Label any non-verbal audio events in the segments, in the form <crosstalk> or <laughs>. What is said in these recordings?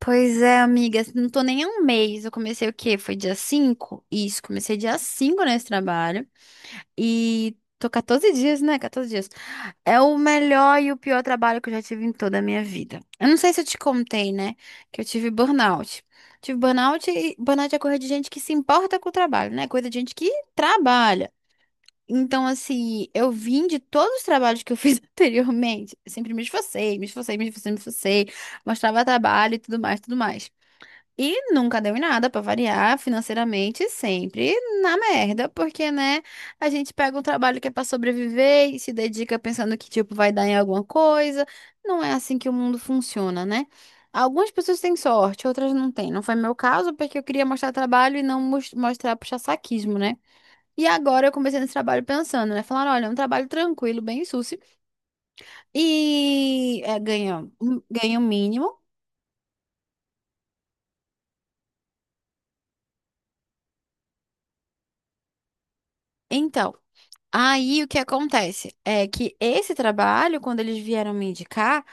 Pois é, amiga, assim, não tô nem há um mês. Eu comecei o quê? Foi dia cinco. Isso, comecei dia 5 nesse trabalho. E tô 14 dias, né? 14 dias. É o melhor e o pior trabalho que eu já tive em toda a minha vida. Eu não sei se eu te contei, né? Que eu tive burnout. Tive burnout, e burnout é coisa de gente que se importa com o trabalho, né? Coisa de gente que trabalha. Então, assim, eu vim de todos os trabalhos que eu fiz <laughs> anteriormente. Eu sempre me esforcei, me esforcei, me esforcei, me esforcei. Mostrava trabalho e tudo mais, tudo mais. E nunca deu em nada, pra variar financeiramente, sempre na merda, porque, né, a gente pega um trabalho que é pra sobreviver e se dedica pensando que, tipo, vai dar em alguma coisa. Não é assim que o mundo funciona, né? Algumas pessoas têm sorte, outras não têm. Não foi meu caso, porque eu queria mostrar trabalho e não mostrar puxa-saquismo, né? E agora eu comecei nesse trabalho pensando, né? Falaram, olha, é um trabalho tranquilo, bem sucio, e é, ganha, um, ganha o mínimo. Então. Aí o que acontece é que esse trabalho, quando eles vieram me indicar,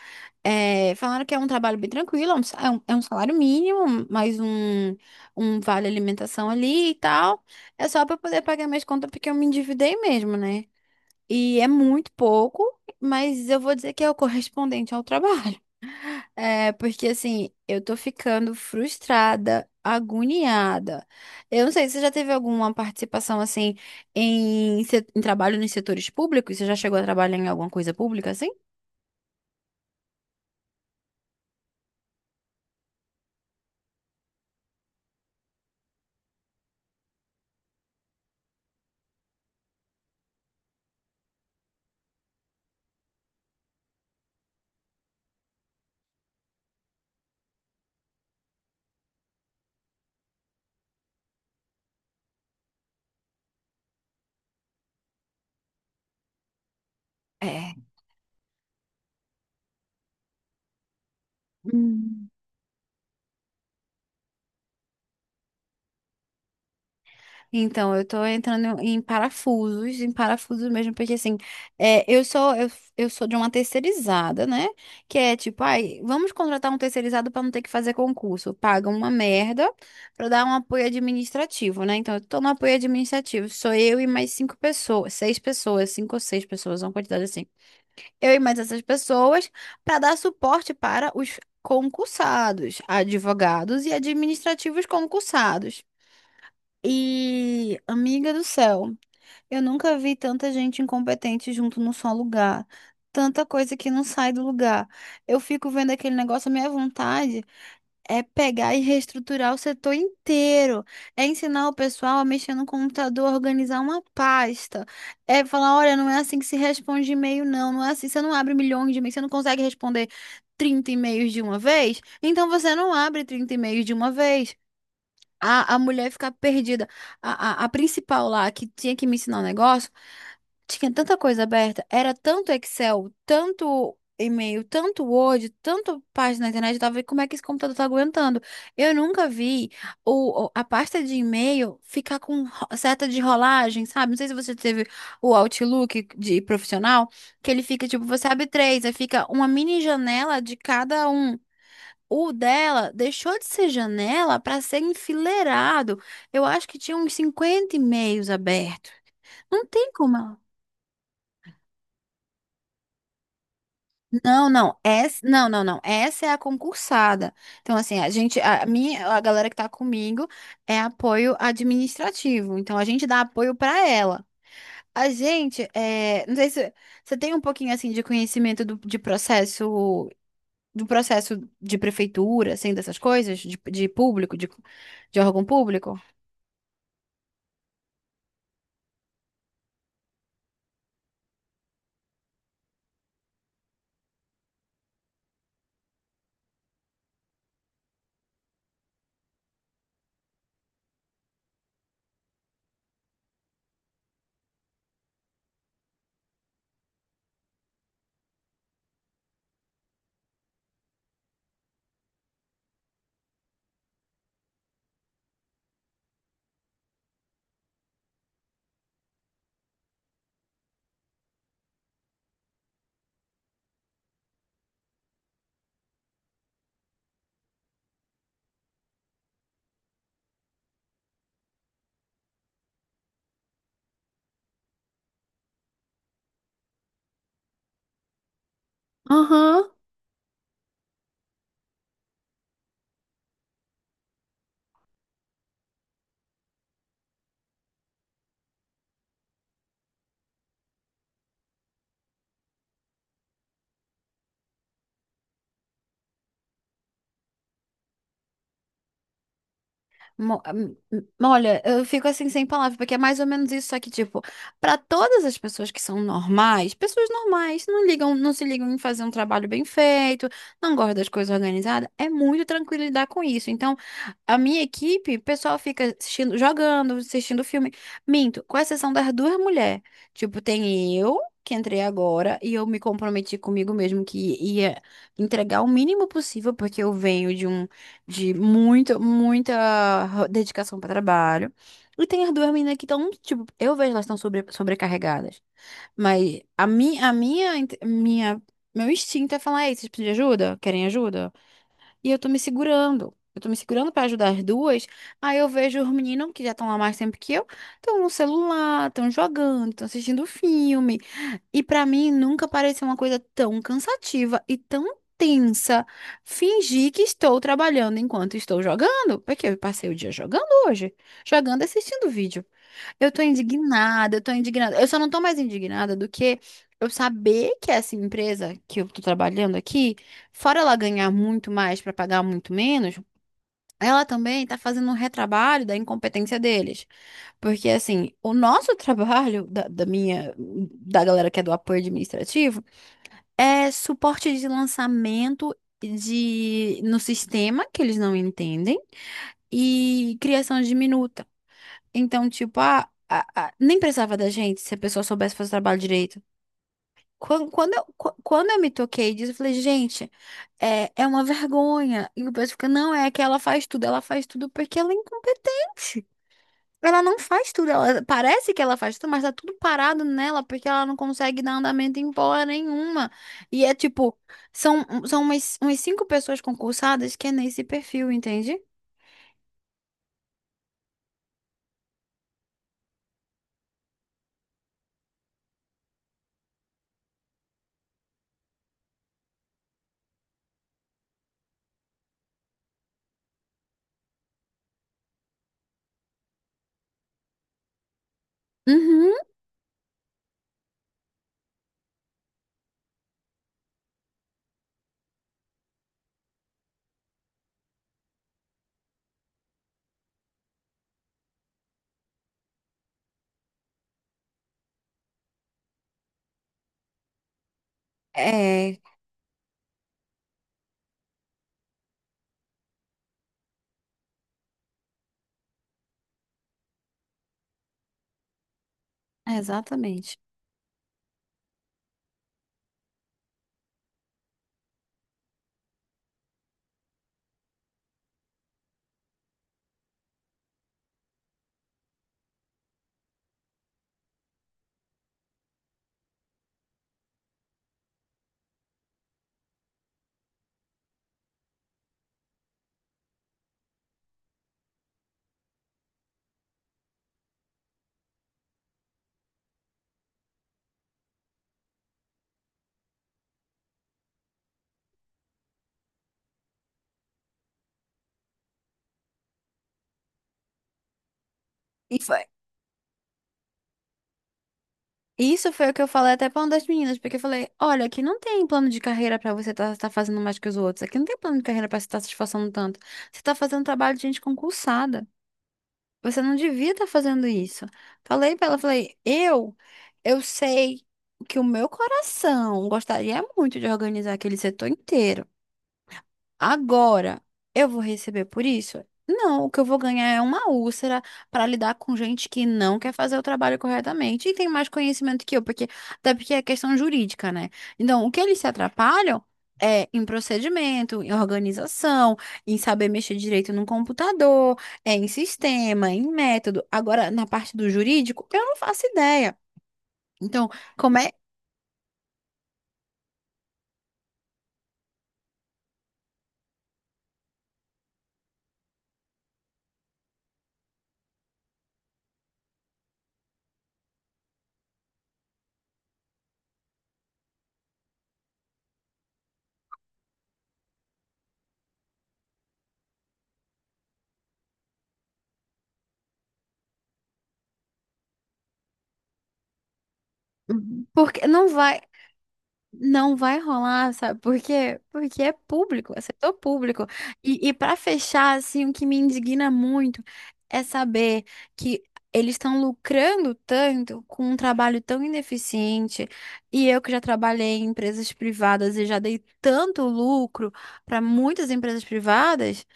falaram que é um trabalho bem tranquilo, é um, é um salário mínimo, mais um, um vale alimentação ali e tal. É só para poder pagar minhas contas porque eu me endividei mesmo, né? E é muito pouco, mas eu vou dizer que é o correspondente ao trabalho. É, porque assim, eu tô ficando frustrada, agoniada. Eu não sei, você já teve alguma participação assim em, em trabalho nos setores públicos? Você já chegou a trabalhar em alguma coisa pública assim? É. Hum. Então, eu tô entrando em parafusos mesmo, porque assim, eu sou de uma terceirizada, né? Que é tipo, ai, vamos contratar um terceirizado para não ter que fazer concurso. Paga uma merda para dar um apoio administrativo, né? Então, eu tô no apoio administrativo, sou eu e mais cinco pessoas, seis pessoas, cinco ou seis pessoas, uma quantidade assim. Eu e mais essas pessoas para dar suporte para os concursados, advogados e administrativos concursados. E, amiga do céu, eu nunca vi tanta gente incompetente junto num só lugar. Tanta coisa que não sai do lugar. Eu fico vendo aquele negócio, a minha vontade é pegar e reestruturar o setor inteiro. É ensinar o pessoal a mexer no computador, organizar uma pasta. É falar, olha, não é assim que se responde e-mail, não. Não é assim, você não abre milhões de e-mails, você não consegue responder 30 e-mails de uma vez, então você não abre 30 e-mails de uma vez. A mulher ficar perdida. A principal lá, que tinha que me ensinar um negócio, tinha tanta coisa aberta, era tanto Excel, tanto e-mail, tanto Word, tanto página na internet, eu tava vendo como é que esse computador tá aguentando. Eu nunca vi a pasta de e-mail ficar com seta de rolagem, sabe? Não sei se você teve o Outlook de profissional, que ele fica, tipo, você abre três, aí fica uma mini janela de cada um. O dela deixou de ser janela para ser enfileirado. Eu acho que tinha uns 50 e-mails abertos. Não tem como ela. Não, não, essa, não, não, não. Essa é a concursada. Então, assim, a galera que tá comigo é apoio administrativo. Então, a gente dá apoio para ela. A gente, é, não sei se você tem um pouquinho assim de conhecimento de processo, do processo de prefeitura, assim, dessas coisas, de público, de órgão público. Aham. Olha, eu fico assim sem palavras, porque é mais ou menos isso, só que, tipo, pra todas as pessoas que são normais, pessoas normais não ligam, não se ligam em fazer um trabalho bem feito, não gostam das coisas organizadas, é muito tranquilo lidar com isso. Então, a minha equipe, o pessoal fica assistindo, jogando, assistindo filme. Minto, com exceção das duas mulheres. Tipo, tem eu, que entrei agora, e eu me comprometi comigo mesmo que ia entregar o mínimo possível, porque eu venho de um. De muito, muita dedicação para trabalho. E tem as duas meninas que estão, tipo, eu vejo elas estão sobrecarregadas. Mas meu instinto é falar, ei, vocês precisam de ajuda? Querem ajuda? E eu tô me segurando. Eu tô me segurando pra ajudar as duas. Aí eu vejo os meninos que já estão lá mais tempo que eu, estão no celular, estão jogando, estão assistindo filme. E pra mim nunca pareceu uma coisa tão cansativa e tão tensa fingir que estou trabalhando enquanto estou jogando, porque eu passei o dia jogando hoje, jogando e assistindo vídeo. Eu tô indignada, eu tô indignada. Eu só não tô mais indignada do que eu saber que essa empresa que eu tô trabalhando aqui, fora ela ganhar muito mais para pagar muito menos, ela também está fazendo um retrabalho da incompetência deles. Porque, assim, o nosso <laughs> trabalho, da minha, da galera que é do apoio administrativo, é suporte de lançamento de, no sistema, que eles não entendem, e criação de minuta. Então, tipo, nem precisava da gente se a pessoa soubesse fazer o trabalho direito. Quando eu me toquei disso, eu falei, gente, é, é uma vergonha. E o pessoal fica, não, é que ela faz tudo porque ela é incompetente. Ela não faz tudo, ela parece que ela faz tudo, mas tá tudo parado nela porque ela não consegue dar andamento em porra nenhuma. E é tipo, são umas cinco pessoas concursadas que é nesse perfil, entende? Uhum. É, exatamente. E foi Isso foi o que eu falei até pra uma das meninas, porque eu falei, olha, aqui não tem plano de carreira pra você estar fazendo mais que os outros. Aqui não tem plano de carreira pra você estar se esforçando tanto. Você tá fazendo trabalho de gente concursada. Você não devia estar fazendo isso. Falei pra ela, falei, eu sei que o meu coração gostaria muito de organizar aquele setor inteiro. Agora, eu vou receber por isso? Não, o que eu vou ganhar é uma úlcera para lidar com gente que não quer fazer o trabalho corretamente e tem mais conhecimento que eu, porque até porque é questão jurídica, né? Então, o que eles se atrapalham é em procedimento, em organização, em saber mexer direito no computador, é em sistema, em método. Agora, na parte do jurídico, eu não faço ideia. Então, como é? Porque não vai. Não vai rolar, sabe por quê? Porque é público, é setor público. E para fechar, assim, o que me indigna muito é saber que eles estão lucrando tanto com um trabalho tão ineficiente. E eu que já trabalhei em empresas privadas e já dei tanto lucro para muitas empresas privadas,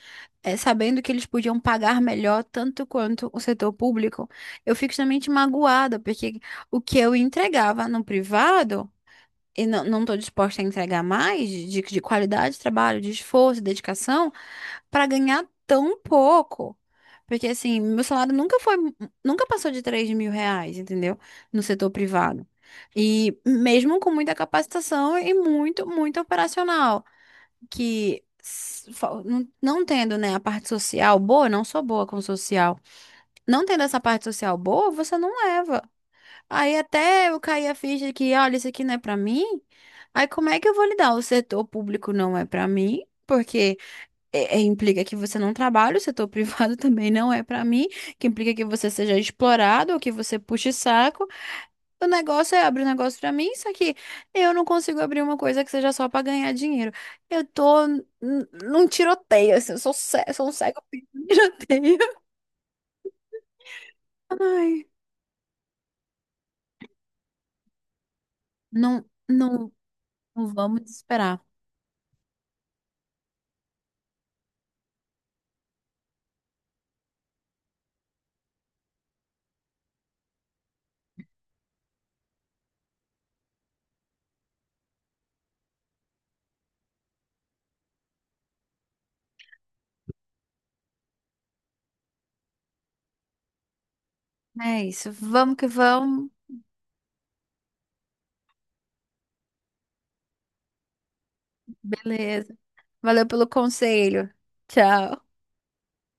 é, sabendo que eles podiam pagar melhor tanto quanto o setor público, eu fico extremamente magoada, porque o que eu entregava no privado e não, não tô disposta a entregar mais de qualidade de trabalho, de esforço, de dedicação, para ganhar tão pouco. Porque assim, meu salário nunca foi, nunca passou de R$ 3.000, entendeu? No setor privado. E mesmo com muita capacitação e muito, muito operacional, que não, não tendo, né, a parte social boa, não sou boa com social. Não tendo essa parte social boa, você não leva. Aí até eu caí a ficha que, olha, isso aqui não é pra mim. Aí como é que eu vou lidar? O setor público não é pra mim, porque implica que você não trabalha, o setor <laughs> privado também não é pra mim, que implica que você seja explorado ou que você puxe saco. O negócio é abrir um negócio pra mim, só que eu não consigo abrir uma coisa que seja só pra ganhar dinheiro. Eu tô num tiroteio, assim, eu sou, sou um cego, <laughs> tiroteio. Ai, não, não, não vamos desesperar. É isso. Vamos que vamos. Beleza. Valeu pelo conselho. Tchau.